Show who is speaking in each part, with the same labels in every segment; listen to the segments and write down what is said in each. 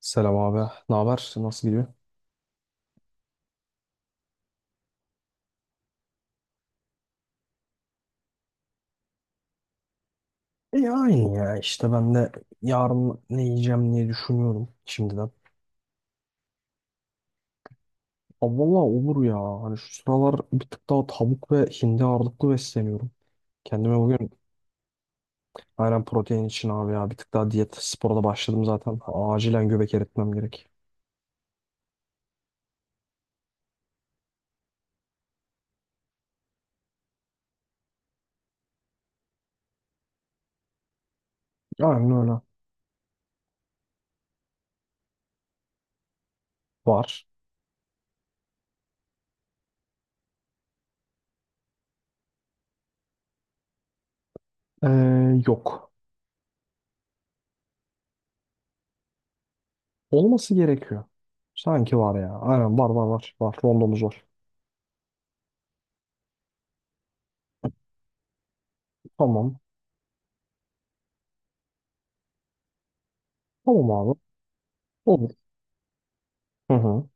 Speaker 1: Selam abi. Ne haber? Nasıl gidiyor? İyi aynı ya işte ben de yarın ne yiyeceğim diye düşünüyorum şimdiden. Aa, valla olur ya. Hani şu sıralar bir tık daha tavuk ve hindi ağırlıklı besleniyorum. Kendime bugün aynen protein için abi ya. Bir tık daha diyet spora da başladım zaten. Acilen göbek eritmem gerek. Aynen öyle. Var. Ee, Yok. Olması gerekiyor. Sanki var ya. Aynen var var. Var. Rondomuz var. Tamam. Tamam abi. Olur. Hı hı.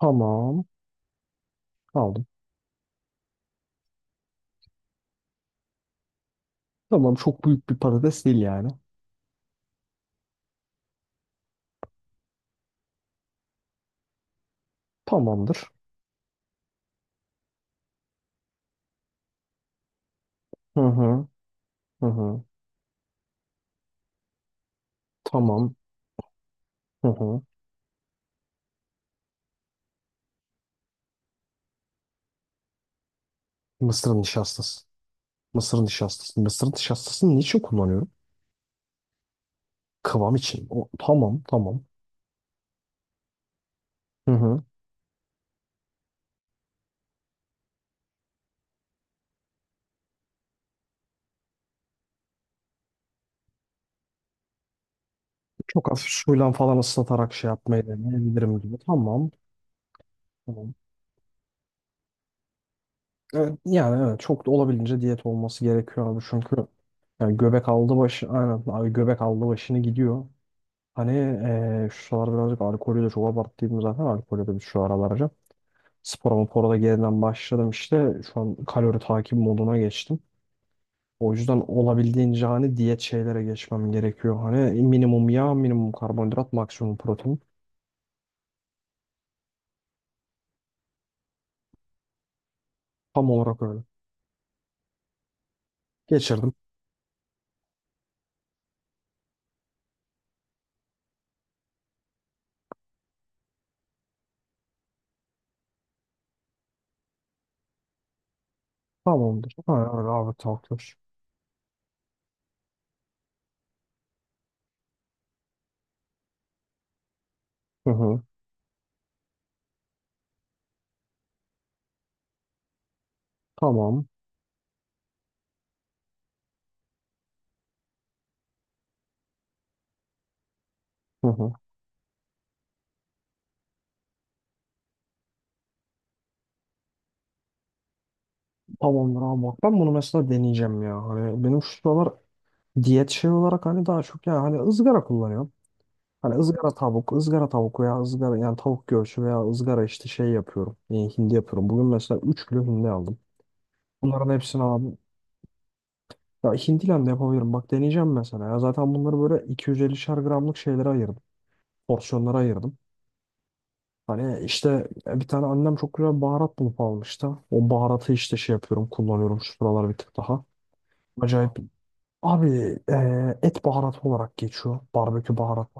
Speaker 1: Tamam. Aldım. Tamam, çok büyük bir patates değil yani. Tamamdır. Hı hı. Hı hı. Tamam. Hı hı. Mısır nişastası. Mısır nişastası. Mısır nişastasını niçin kullanıyorum? Kıvam için. O, tamam. Hı hı. Çok hafif suyla falan ıslatarak şey yapmayı deneyebilirim gibi. Tamam. Tamam. Evet, yani evet çok da olabildiğince diyet olması gerekiyor abi çünkü yani göbek aldı başı, aynen abi, göbek aldı başını gidiyor. Hani şu sıralar birazcık alkolü de çok abarttıydım zaten, alkolü de şu aralar. Spora mapora da yeniden başladım işte. Şu an kalori takip moduna geçtim. O yüzden olabildiğince hani diyet şeylere geçmem gerekiyor. Hani minimum yağ, minimum karbonhidrat, maksimum protein. Tam olarak öyle. Geçirdim. Tamamdır. Ha, abi takdir. Hı hı. Tamam. Hı hı. Tamamdır abi, bak ben bunu mesela deneyeceğim ya. Hani benim şu sıralar diyet şey olarak hani daha çok ya hani ızgara kullanıyorum. Hani ızgara tavuk, ızgara tavuk veya ızgara yani tavuk göğsü veya ızgara işte şey yapıyorum. Hindi yapıyorum. Bugün mesela 3 kilo hindi aldım. Bunların hepsini aldım. Ya hindiyle de yapabilirim. Bak deneyeceğim mesela. Ya zaten bunları böyle 250'şer gramlık şeylere ayırdım. Porsiyonlara ayırdım. Hani işte bir tane annem çok güzel baharat bulup almıştı. O baharatı işte şey yapıyorum, kullanıyorum şu sıralar bir tık daha. Acayip. Abi et baharatı olarak geçiyor. Barbekü baharatı.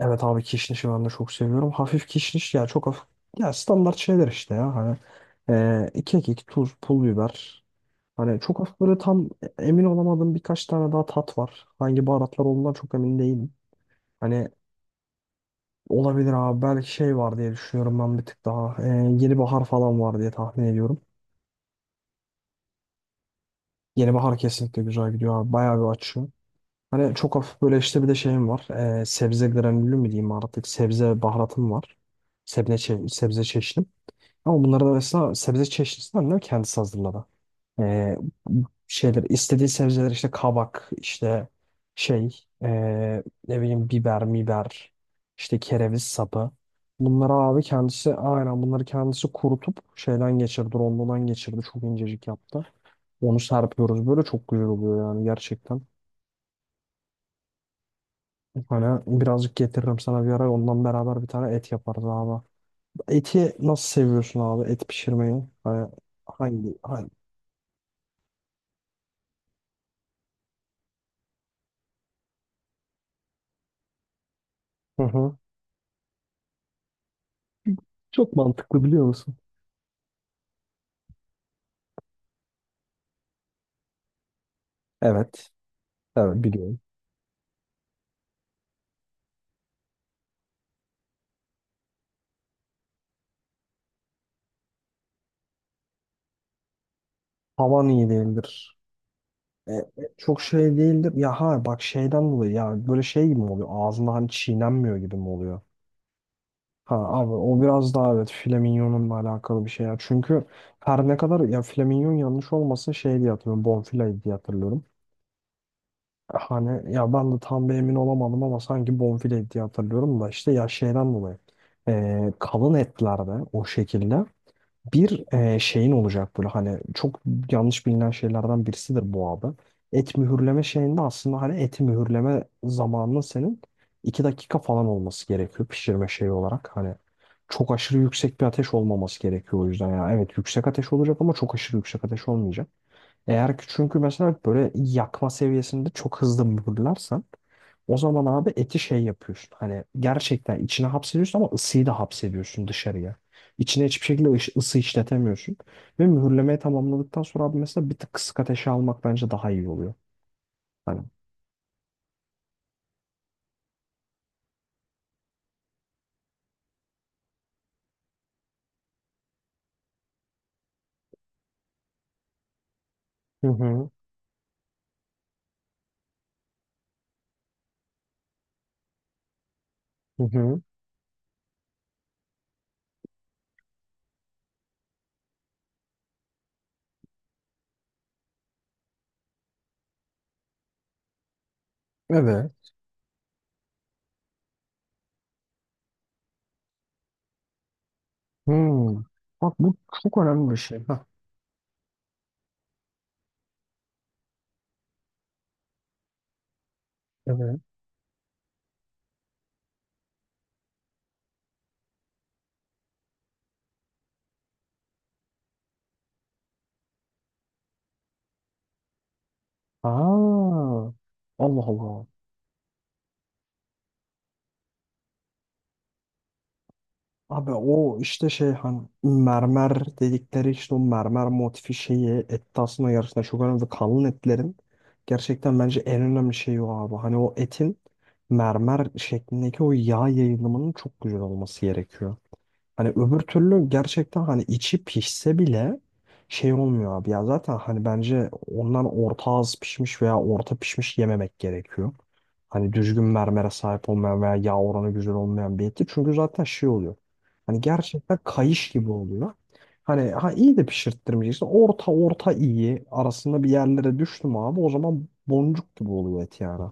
Speaker 1: Evet abi, kişnişi ben de çok seviyorum. Hafif kişniş ya, çok hafif. Ya standart şeyler işte ya hani iki kekik, tuz, pul biber. Hani çok hafif böyle tam emin olamadığım birkaç tane daha tat var. Hangi baharatlar olduğundan çok emin değilim. Hani olabilir abi, belki şey var diye düşünüyorum ben bir tık daha. Yeni bahar falan var diye tahmin ediyorum. Yeni bahar kesinlikle güzel gidiyor abi. Bayağı bir açıyor. Hani çok hafif böyle işte bir de şeyim var. Sebze granülü mü diyeyim, artık sebze baharatım var. Sebze, sebze çeşidim. Ama bunların arasında sebze çeşitlisinden de kendisi hazırladı. Ee, Şeyler istediği sebzeler işte kabak, işte şey ne bileyim biber miber, işte kereviz sapı. Bunları abi kendisi, aynen bunları kendisi kurutup şeyden geçirdi, rondodan geçirdi, çok incecik yaptı. Onu serpiyoruz, böyle çok güzel oluyor yani gerçekten. Hani birazcık getiririm sana bir ara, ondan beraber bir tane et yaparız abi. Eti nasıl seviyorsun abi, et pişirmeyi? Hani hangi? Hı hı. Çok mantıklı biliyor musun? Evet. Evet, biliyorum. Havan iyi değildir. E, e, Çok şey değildir. Ya ha bak, şeyden dolayı ya böyle şey gibi mi oluyor? Ağzında hani çiğnenmiyor gibi mi oluyor? Ha abi, o biraz daha evet filaminyonunla alakalı bir şey ya. Çünkü her ne kadar ya flaminyon yanlış olmasın, şey diye hatırlıyorum. Bonfile diye hatırlıyorum. Hani ya ben de tam bir emin olamadım ama sanki bonfile diye hatırlıyorum da, işte ya şeyden dolayı. Kalın etlerde o şekilde. Bir şeyin olacak, böyle hani çok yanlış bilinen şeylerden birisidir bu abi. Et mühürleme şeyinde aslında hani eti mühürleme zamanının senin 2 dakika falan olması gerekiyor pişirme şeyi olarak. Hani çok aşırı yüksek bir ateş olmaması gerekiyor o yüzden ya. Evet yüksek ateş olacak ama çok aşırı yüksek ateş olmayacak. Eğer ki çünkü mesela böyle yakma seviyesinde çok hızlı mühürlersen, o zaman abi eti şey yapıyorsun. Hani gerçekten içine hapsediyorsun ama ısıyı da hapsediyorsun dışarıya. İçine hiçbir şekilde ısı işletemiyorsun. Ve mühürlemeyi tamamladıktan sonra abi mesela bir tık kısık ateşe almak bence daha iyi oluyor. Hani. Hı hı. Hı hı. Evet. Hmm. Bak, bu çok önemli bir şey. Hah. Evet. Aa, Allah Allah. Abi o işte şey hani mermer dedikleri işte o mermer motifi şeyi etti aslında, yarısında çok önemli. Kalın etlerin gerçekten bence en önemli şeyi o abi. Hani o etin mermer şeklindeki o yağ yayılımının çok güzel olması gerekiyor. Hani öbür türlü gerçekten hani içi pişse bile şey olmuyor abi. Ya zaten hani bence ondan orta az pişmiş veya orta pişmiş yememek gerekiyor. Hani düzgün mermere sahip olmayan veya yağ oranı güzel olmayan bir eti. Çünkü zaten şey oluyor. Hani gerçekten kayış gibi oluyor. Hani ha, iyi de pişirttirmeyeceksin. Orta, orta iyi arasında bir yerlere düştüm abi. O zaman boncuk gibi oluyor et yani.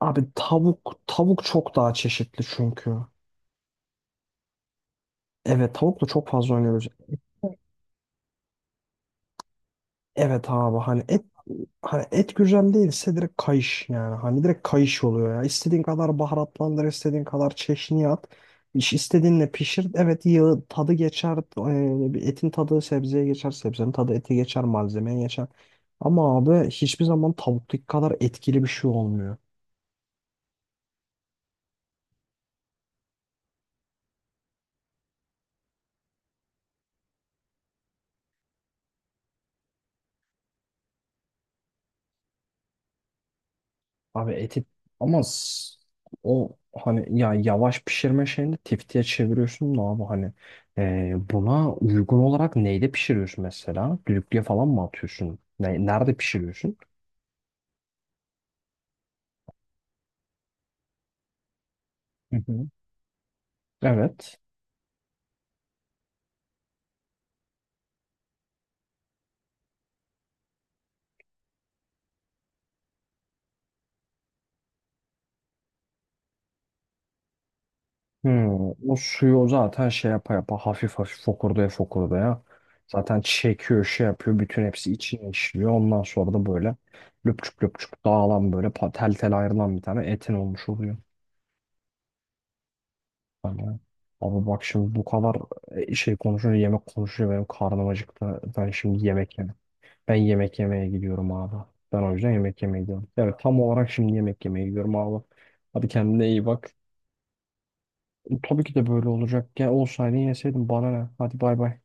Speaker 1: Abi tavuk çok daha çeşitli çünkü. Evet, tavukla çok fazla oynuyoruz. Evet abi hani et güzel değilse direkt kayış yani. Hani direkt kayış oluyor ya. İstediğin kadar baharatlandır, istediğin kadar çeşniye at. İş istediğinle pişir. Evet, yağı tadı geçer. Bir etin tadı sebzeye geçer. Sebzenin tadı ete geçer. Malzemeye geçer. Ama abi hiçbir zaman tavuktaki kadar etkili bir şey olmuyor. Abi eti ama s- o hani ya yavaş pişirme şeyini tiftiye çeviriyorsun da abi hani buna uygun olarak neyde pişiriyorsun mesela? Düdüklüye falan mı atıyorsun? Nerede pişiriyorsun? Hı hı. Evet. Hmm, o suyu o zaten şey yapa yapa hafif hafif fokurdaya fokurdaya zaten çekiyor, şey yapıyor, bütün hepsi içine işliyor. Ondan sonra da böyle löpçük löpçük dağılan, böyle tel tel ayrılan bir tane etin olmuş oluyor. Hani, abi bak şimdi bu kadar şey konuşuyor, yemek konuşuyor, benim karnım acıktı. Ben şimdi yemek yemek. Ben yemek yemeye gidiyorum abi. Ben o yüzden yemek yemeye gidiyorum. Evet, tam olarak şimdi yemek yemeye gidiyorum abi. Hadi kendine iyi bak. Tabii ki de böyle olacak. Gel olsaydı, yeseydin, bana ne? Hadi bay bay.